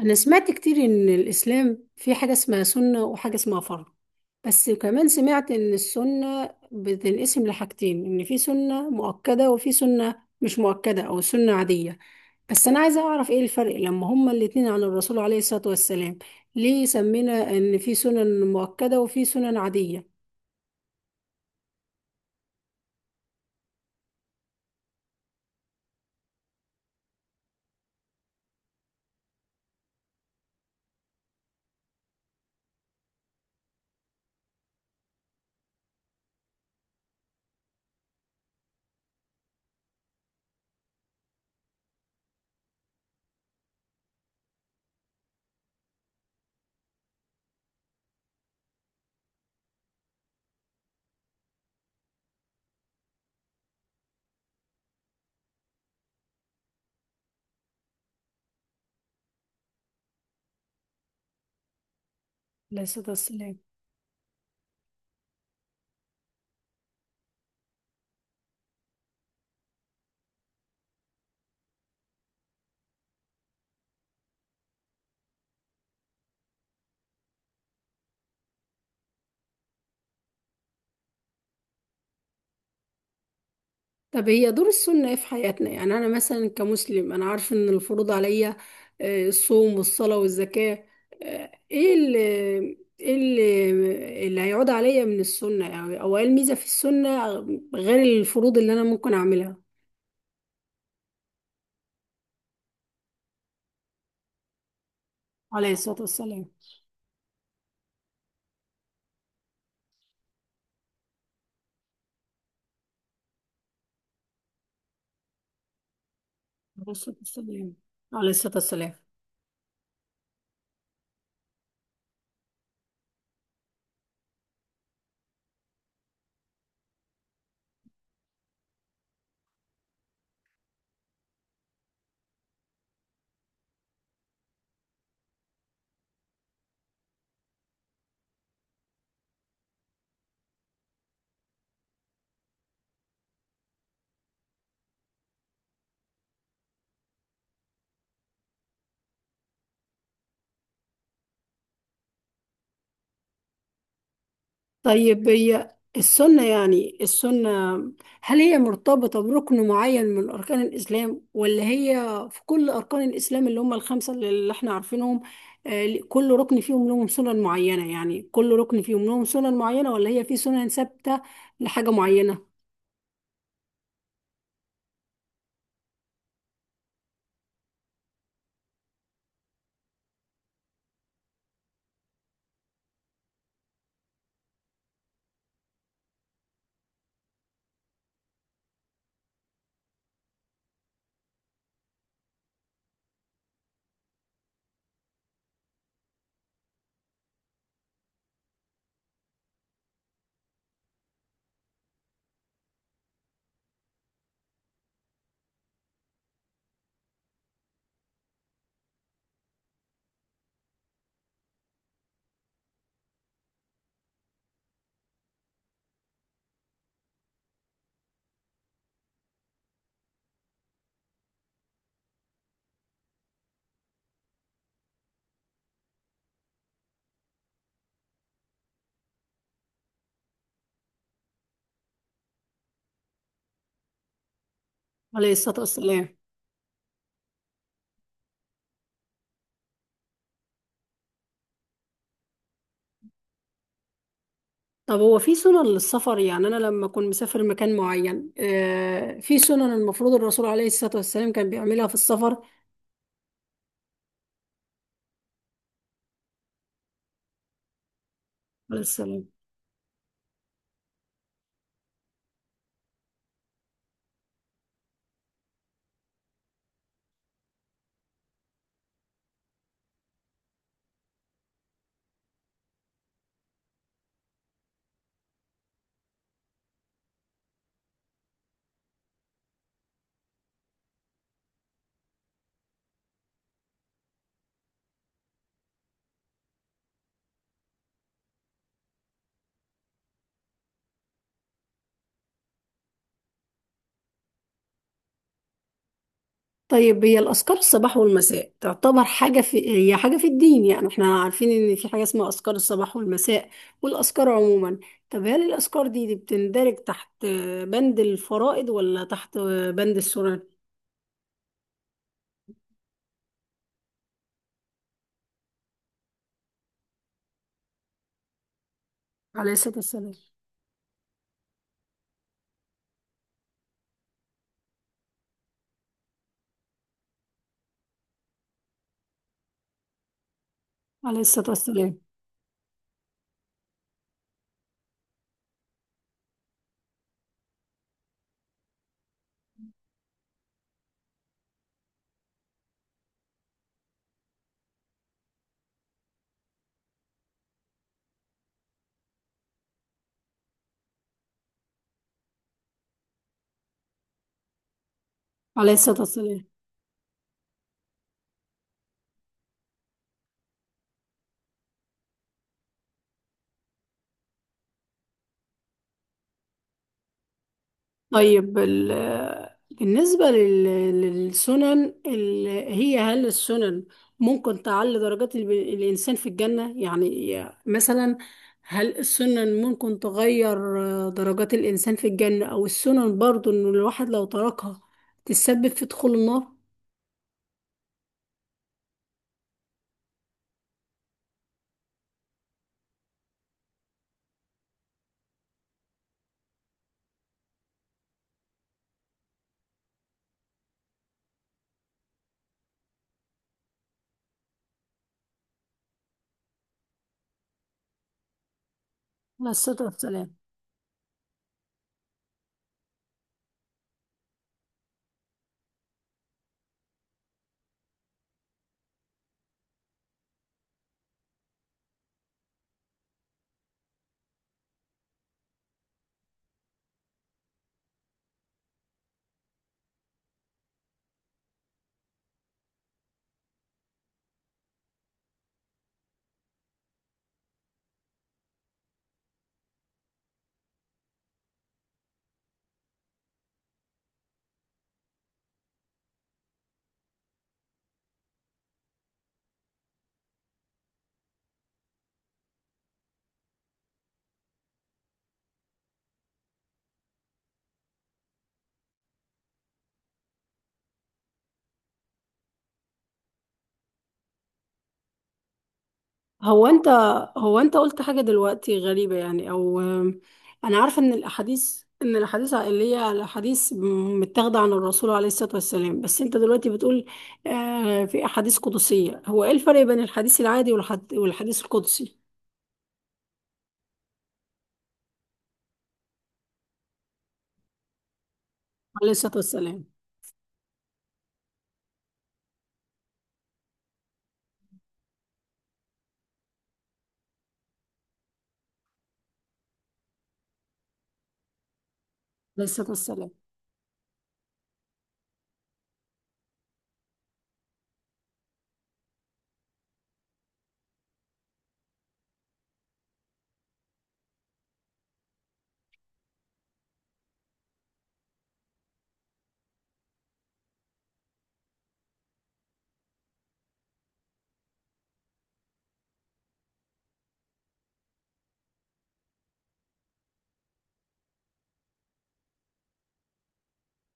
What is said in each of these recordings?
أنا سمعت كتير إن الإسلام في حاجة اسمها سنة وحاجة اسمها فرض. بس كمان سمعت إن السنة بتنقسم لحاجتين، إن في سنة مؤكدة وفي سنة مش مؤكدة أو سنة عادية. بس أنا عايزة أعرف إيه الفرق لما هما الاتنين عن الرسول عليه الصلاة والسلام. ليه سمينا إن في سنن مؤكدة وفي سنن عادية؟ عليه الصلاة والسلام. طب هي دور السنة ايه في حياتنا؟ يعني انا مثلا كمسلم انا عارفه ان الفروض عليا، الصوم والصلاة والزكاة. آه، ايه اللي ايه اللي هيعود عليا من السنة؟ يعني او ايه الميزة في السنة غير الفروض اللي انا ممكن اعملها؟ عليه الصلاة والسلام. عليه الصلاة والسلام. عليه الصلاة والسلام. طيب، هي السنة يعني السنة هل هي مرتبطة بركن معين من أركان الإسلام، ولا هي في كل أركان الإسلام اللي هم الخمسة اللي احنا عارفينهم؟ كل ركن فيهم لهم سنن معينة، يعني كل ركن فيهم لهم سنن معينة، ولا هي في سنن ثابتة لحاجة معينة؟ عليه الصلاة والسلام. طب هو في سنن للسفر؟ يعني أنا لما أكون مسافر مكان معين، في سنن المفروض الرسول عليه الصلاة والسلام كان بيعملها في السفر. عليه السلام. طيب، هي الأذكار الصباح والمساء تعتبر حاجة في هي حاجة في الدين؟ يعني احنا عارفين إن في حاجة اسمها أذكار الصباح والمساء والأذكار عموما. طب هل الأذكار دي بتندرج تحت بند الفرائض ولا تحت بند السنن؟ عليه الصلاة والسلام. عليه الصلاة والسلام. عليه الصلاة والسلام. طيب، بالنسبة للسنن هي هل السنن ممكن تعلي درجات الإنسان في الجنة؟ يعني مثلا هل السنن ممكن تغير درجات الإنسان في الجنة، أو السنن برضو إن الواحد لو تركها تسبب في دخول النار؟ على الصلاة والسلام. هو انت هو انت قلت حاجة دلوقتي غريبة؟ يعني او انا عارفة ان الاحاديث عائلية الاحاديث متاخدة عن الرسول عليه الصلاة والسلام، بس انت دلوقتي بتقول في احاديث قدسية. هو ايه الفرق بين الحديث العادي والحديث القدسي؟ عليه الصلاة والسلام. عليه الصلاة والسلام.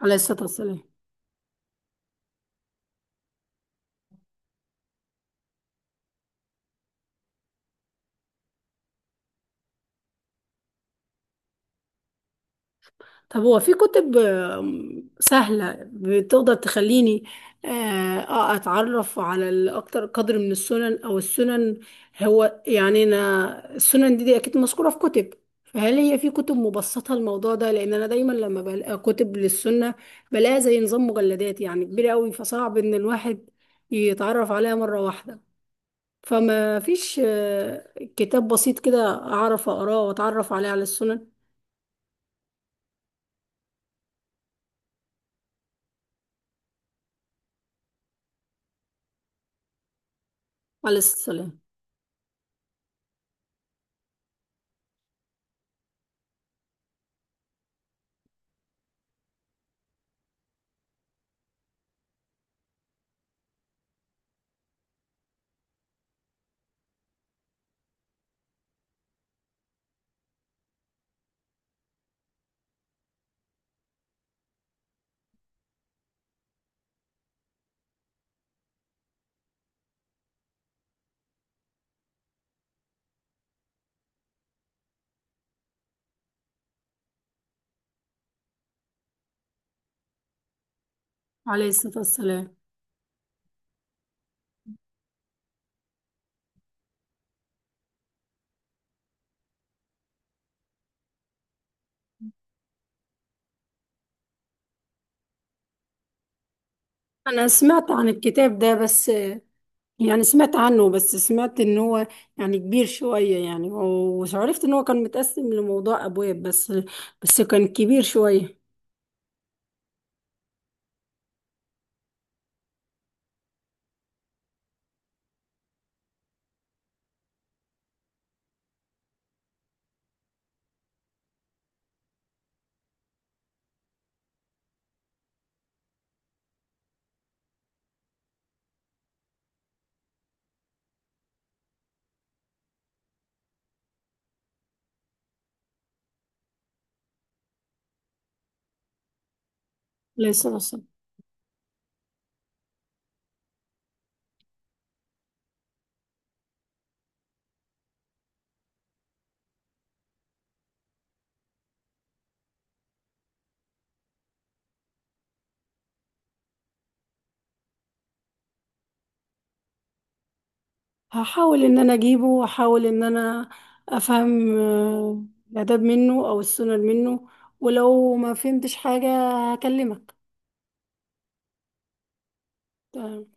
عليه الصلاة والسلام. طب هو في كتب سهلة بتقدر تخليني آه، أتعرف على الأكتر قدر من السنن؟ أو السنن هو يعني أنا السنن دي أكيد مذكورة في كتب. فهل هي في كتب مبسطة الموضوع ده؟ لأن أنا دايما لما بلاقي كتب للسنة بلاقيها زي نظام مجلدات، يعني كبيرة أوي، فصعب إن الواحد يتعرف عليها مرة واحدة. فما فيش كتاب بسيط كده أعرف أقراه وأتعرف عليه على السنن؟ عليه الصلاة. عليه الصلاة والسلام. انا سمعت عن الكتاب ده. بس يعني سمعت عنه، بس سمعت ان هو يعني كبير شوية، يعني وعرفت ان هو كان متقسم لموضوع ابواب، بس كان كبير شوية. عليه الصلاة والسلام. هحاول ان انا اجيبه واحاول ان انا افهم الاداب منه او السنن منه، ولو ما فهمتش حاجة هكلمك. تمام.